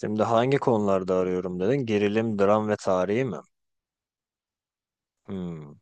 Şimdi hangi konularda arıyorum dedin? Gerilim, dram ve tarihi mi? Hmm.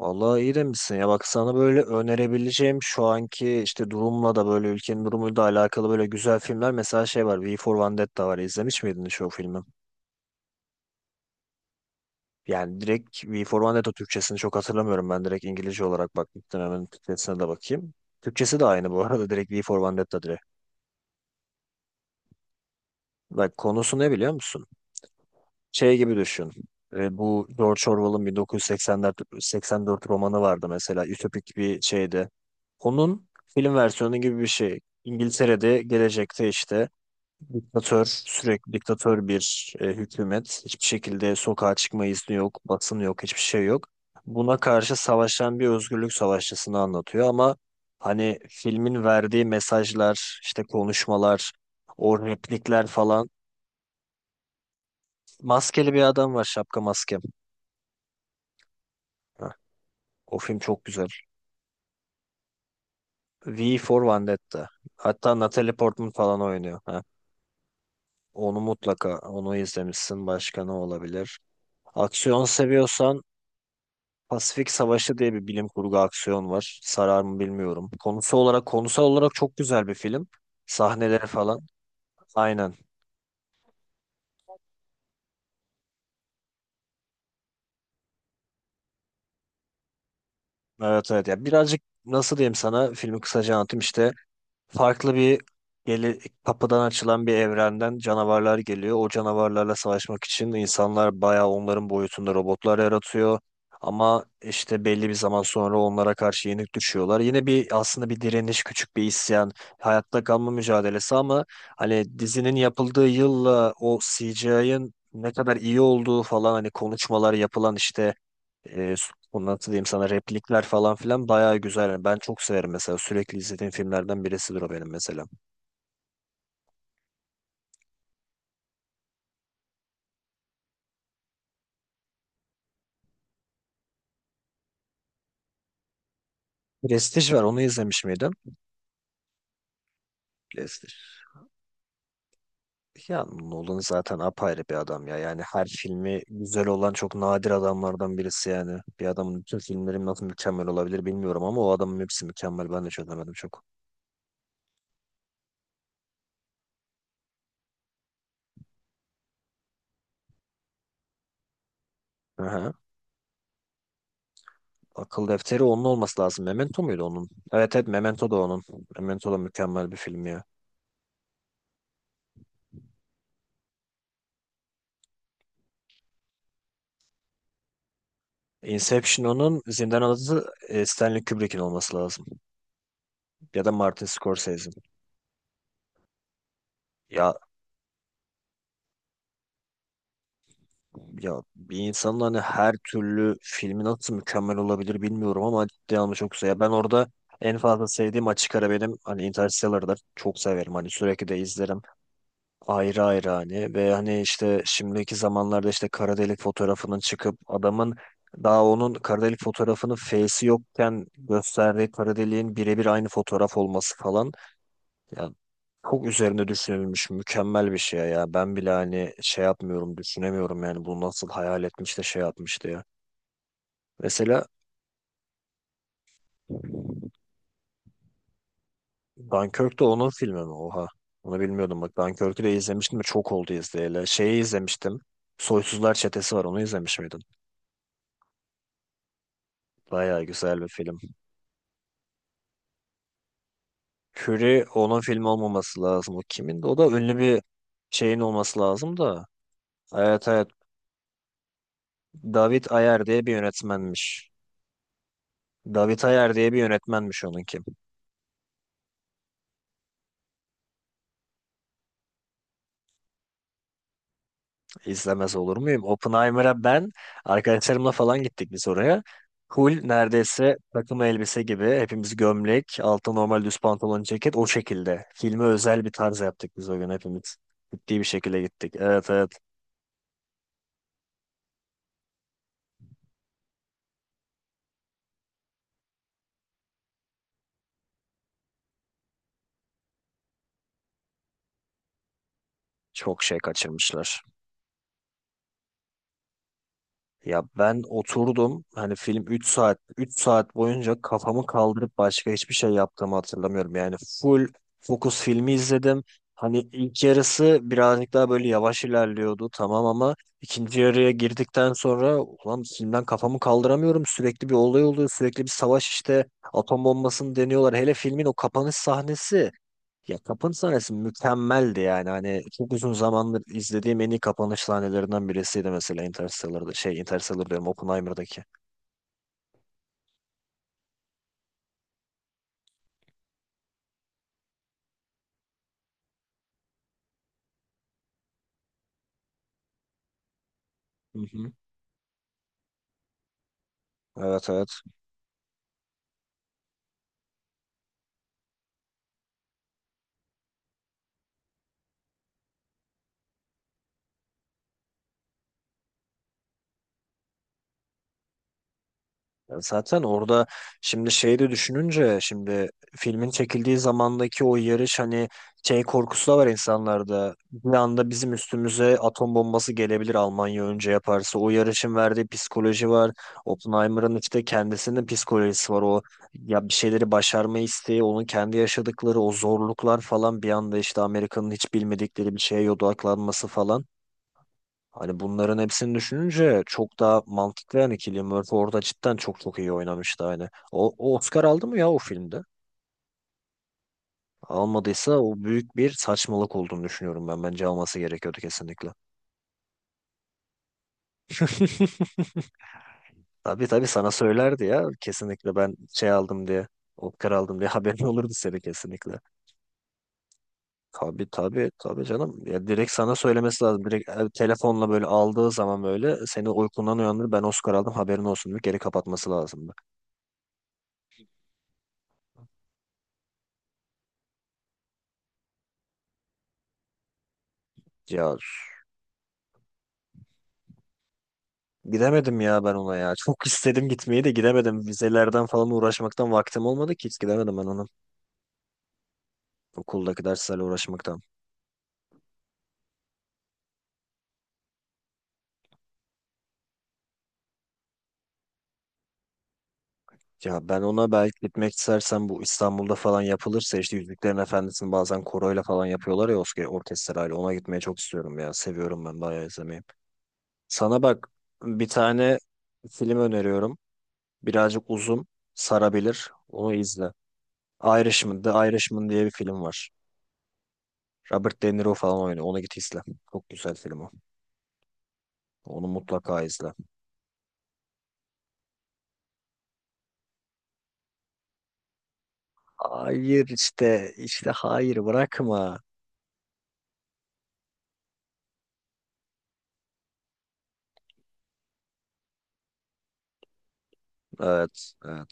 Vallahi iyi demişsin ya. Bak sana böyle önerebileceğim şu anki işte durumla da böyle ülkenin durumuyla da alakalı böyle güzel filmler. Mesela şey var, V for Vendetta var. İzlemiş miydin hiç o filmi? Yani direkt V for Vendetta Türkçesini çok hatırlamıyorum. Ben direkt İngilizce olarak bakmıştım. Hemen Türkçesine de bakayım. Türkçesi de aynı bu arada. Direkt V for Vendetta direkt. Bak konusu ne biliyor musun? Şey gibi düşün. Bu George Orwell'ın 1984 84 romanı vardı mesela. Ütopik bir şeydi. Onun film versiyonu gibi bir şey. İngiltere'de gelecekte işte diktatör, sürekli diktatör bir hükümet. Hiçbir şekilde sokağa çıkma izni yok, basın yok, hiçbir şey yok. Buna karşı savaşan bir özgürlük savaşçısını anlatıyor ama hani filmin verdiği mesajlar, işte konuşmalar, o replikler falan. Maskeli bir adam var, şapka maske. O film çok güzel. V for Vendetta. Hatta Natalie Portman falan oynuyor. Ha. Onu mutlaka onu izlemişsin. Başka ne olabilir? Aksiyon seviyorsan Pasifik Savaşı diye bir bilim kurgu aksiyon var. Sarar mı bilmiyorum. Konusu olarak, konusal olarak çok güzel bir film. Sahneleri falan. Aynen. Evet, evet. Ya birazcık, nasıl diyeyim, sana filmi kısaca anlatayım işte. Farklı bir geli, kapıdan açılan bir evrenden canavarlar geliyor. O canavarlarla savaşmak için insanlar bayağı onların boyutunda robotlar yaratıyor. Ama işte belli bir zaman sonra onlara karşı yenik düşüyorlar. Yine bir aslında bir direniş, küçük bir isyan, hayatta kalma mücadelesi, ama hani dizinin yapıldığı yılla o CGI'ın ne kadar iyi olduğu falan, hani konuşmalar yapılan işte bu nasıl diyeyim sana, replikler falan filan bayağı güzel. Yani ben çok severim mesela. Sürekli izlediğim filmlerden birisidir o benim mesela. Prestige var, onu izlemiş miydin? Prestige. Ya Nolan zaten apayrı bir adam ya. Yani her filmi güzel olan çok nadir adamlardan birisi yani. Bir adamın bütün filmleri nasıl mükemmel olabilir bilmiyorum ama o adamın hepsi mükemmel. Ben de çözemedim çok. Aha. Akıl Defteri onun olması lazım. Memento muydu onun? Evet, evet, Memento da onun. Memento da mükemmel bir film ya. Inception onun, Zindan adı Stanley Kubrick'in olması lazım. Ya da Martin Scorsese'in. Ya ya bir insanın hani her türlü filmi nasıl mükemmel olabilir bilmiyorum ama ciddi anlamda çok güzel. Ya ben orada en fazla sevdiğim, açık ara benim hani Interstellar'dır. Çok severim, hani sürekli de izlerim. Ayrı ayrı hani, ve hani işte şimdiki zamanlarda işte kara delik fotoğrafının çıkıp adamın daha onun kara delik fotoğrafının face'i yokken gösterdiği kara deliğin birebir aynı fotoğraf olması falan. Ya çok üzerinde düşünebilmiş, mükemmel bir şey ya. Ben bile hani şey yapmıyorum, düşünemiyorum yani, bunu nasıl hayal etmiş de şey yapmıştı ya. Mesela Dunkirk de onun filmi mi? Oha. Onu bilmiyordum bak. Dunkirk'ü de izlemiştim de çok oldu izleyeli. Şeyi izlemiştim. Soysuzlar Çetesi var. Onu izlemiş miydin? Bayağı güzel bir film. Fury onun filmi olmaması lazım. O kimin de? O da ünlü bir şeyin olması lazım da. Evet, evet. David Ayer diye bir yönetmenmiş. David Ayer diye bir yönetmenmiş onunki. İzlemez olur muyum? Oppenheimer'a ben arkadaşlarımla falan gittik biz oraya. Hul neredeyse takım elbise gibi hepimiz, gömlek, altta normal düz pantolon, ceket o şekilde. Filme özel bir tarz yaptık biz o gün hepimiz. Ciddi bir şekilde gittik. Evet, evet, çok şey kaçırmışlar. Ya ben oturdum hani, film 3 saat 3 saat boyunca kafamı kaldırıp başka hiçbir şey yaptığımı hatırlamıyorum. Yani full fokus filmi izledim. Hani ilk yarısı birazcık daha böyle yavaş ilerliyordu tamam, ama ikinci yarıya girdikten sonra, ulan filmden kafamı kaldıramıyorum. Sürekli bir olay oluyor, sürekli bir savaş işte, atom bombasını deniyorlar. Hele filmin o kapanış sahnesi, ya kapanış sahnesi mükemmeldi yani. Hani çok uzun zamandır izlediğim en iyi kapanış sahnelerinden birisiydi, mesela Interstellar'da. Şey, Interstellar diyorum, Oppenheimer'daki. Hı hı. Evet, evet. Ya zaten orada, şimdi şeyi de düşününce, şimdi filmin çekildiği zamandaki o yarış, hani şey korkusu da var insanlarda. Bir anda bizim üstümüze atom bombası gelebilir Almanya önce yaparsa. O yarışın verdiği psikoloji var. Oppenheimer'ın işte kendisinin psikolojisi var. O ya bir şeyleri başarma isteği, onun kendi yaşadıkları o zorluklar falan, bir anda işte Amerika'nın hiç bilmedikleri bir şeye odaklanması falan. Hani bunların hepsini düşününce çok daha mantıklı. Yani Cillian Murphy orada cidden çok çok iyi oynamıştı hani. O Oscar aldı mı ya o filmde? Almadıysa o büyük bir saçmalık olduğunu düşünüyorum ben. Bence alması gerekiyordu kesinlikle. Tabii, tabii, sana söylerdi ya kesinlikle, ben şey aldım diye. Oscar aldım diye haberin olurdu seni kesinlikle. Tabii, tabii, tabii canım. Ya direkt sana söylemesi lazım. Direkt telefonla böyle aldığı zaman böyle seni uykundan uyandırır. Ben Oscar aldım haberin olsun diye geri kapatması lazımdı. Ya gidemedim ya ben ona ya. Çok istedim gitmeyi de gidemedim. Vizelerden falan uğraşmaktan vaktim olmadı, ki hiç gidemedim ben onun. Okuldaki derslerle uğraşmaktan. Ya ben, ona belki gitmek istersen, bu İstanbul'da falan yapılırsa işte Yüzüklerin Efendisi'ni bazen koroyla falan yapıyorlar ya, orkestrayla. Ona gitmeye çok istiyorum ya. Seviyorum ben bayağı izlemeyi. Sana bak, bir tane film öneriyorum. Birazcık uzun. Sarabilir. Onu izle. Irishman, The Irishman diye bir film var. Robert De Niro falan oynuyor. Ona git izle. Çok güzel film o. Onu mutlaka izle. Hayır, işte hayır, bırakma. Evet, evet,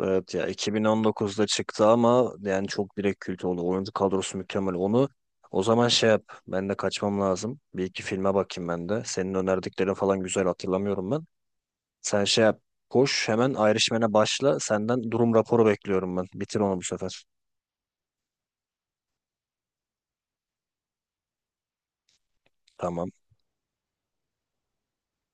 evet, ya 2019'da çıktı ama yani çok direkt kült oldu. Oyuncu kadrosu mükemmel. Onu, o zaman şey yap. Ben de kaçmam lazım. Bir iki filme bakayım ben de. Senin önerdiklerin falan, güzel hatırlamıyorum ben. Sen şey yap. Koş hemen ayrışmene başla. Senden durum raporu bekliyorum ben. Bitir onu bu sefer. Tamam.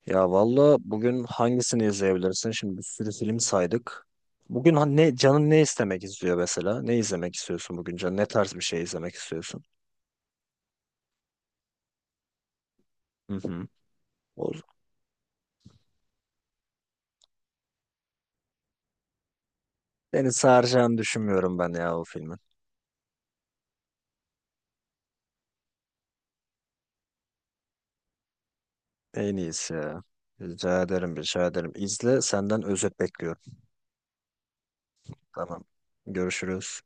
Ya valla bugün hangisini izleyebilirsin? Şimdi bir sürü film saydık. Bugün ne canın, ne istemek istiyor mesela? Ne izlemek istiyorsun bugün canın? Ne tarz bir şey izlemek istiyorsun? Hı hı. O, beni saracağını düşünmüyorum ben ya o filmin. En iyisi ya. Rica ederim, rica ederim. İzle, senden özet bekliyorum. Tamam. Görüşürüz.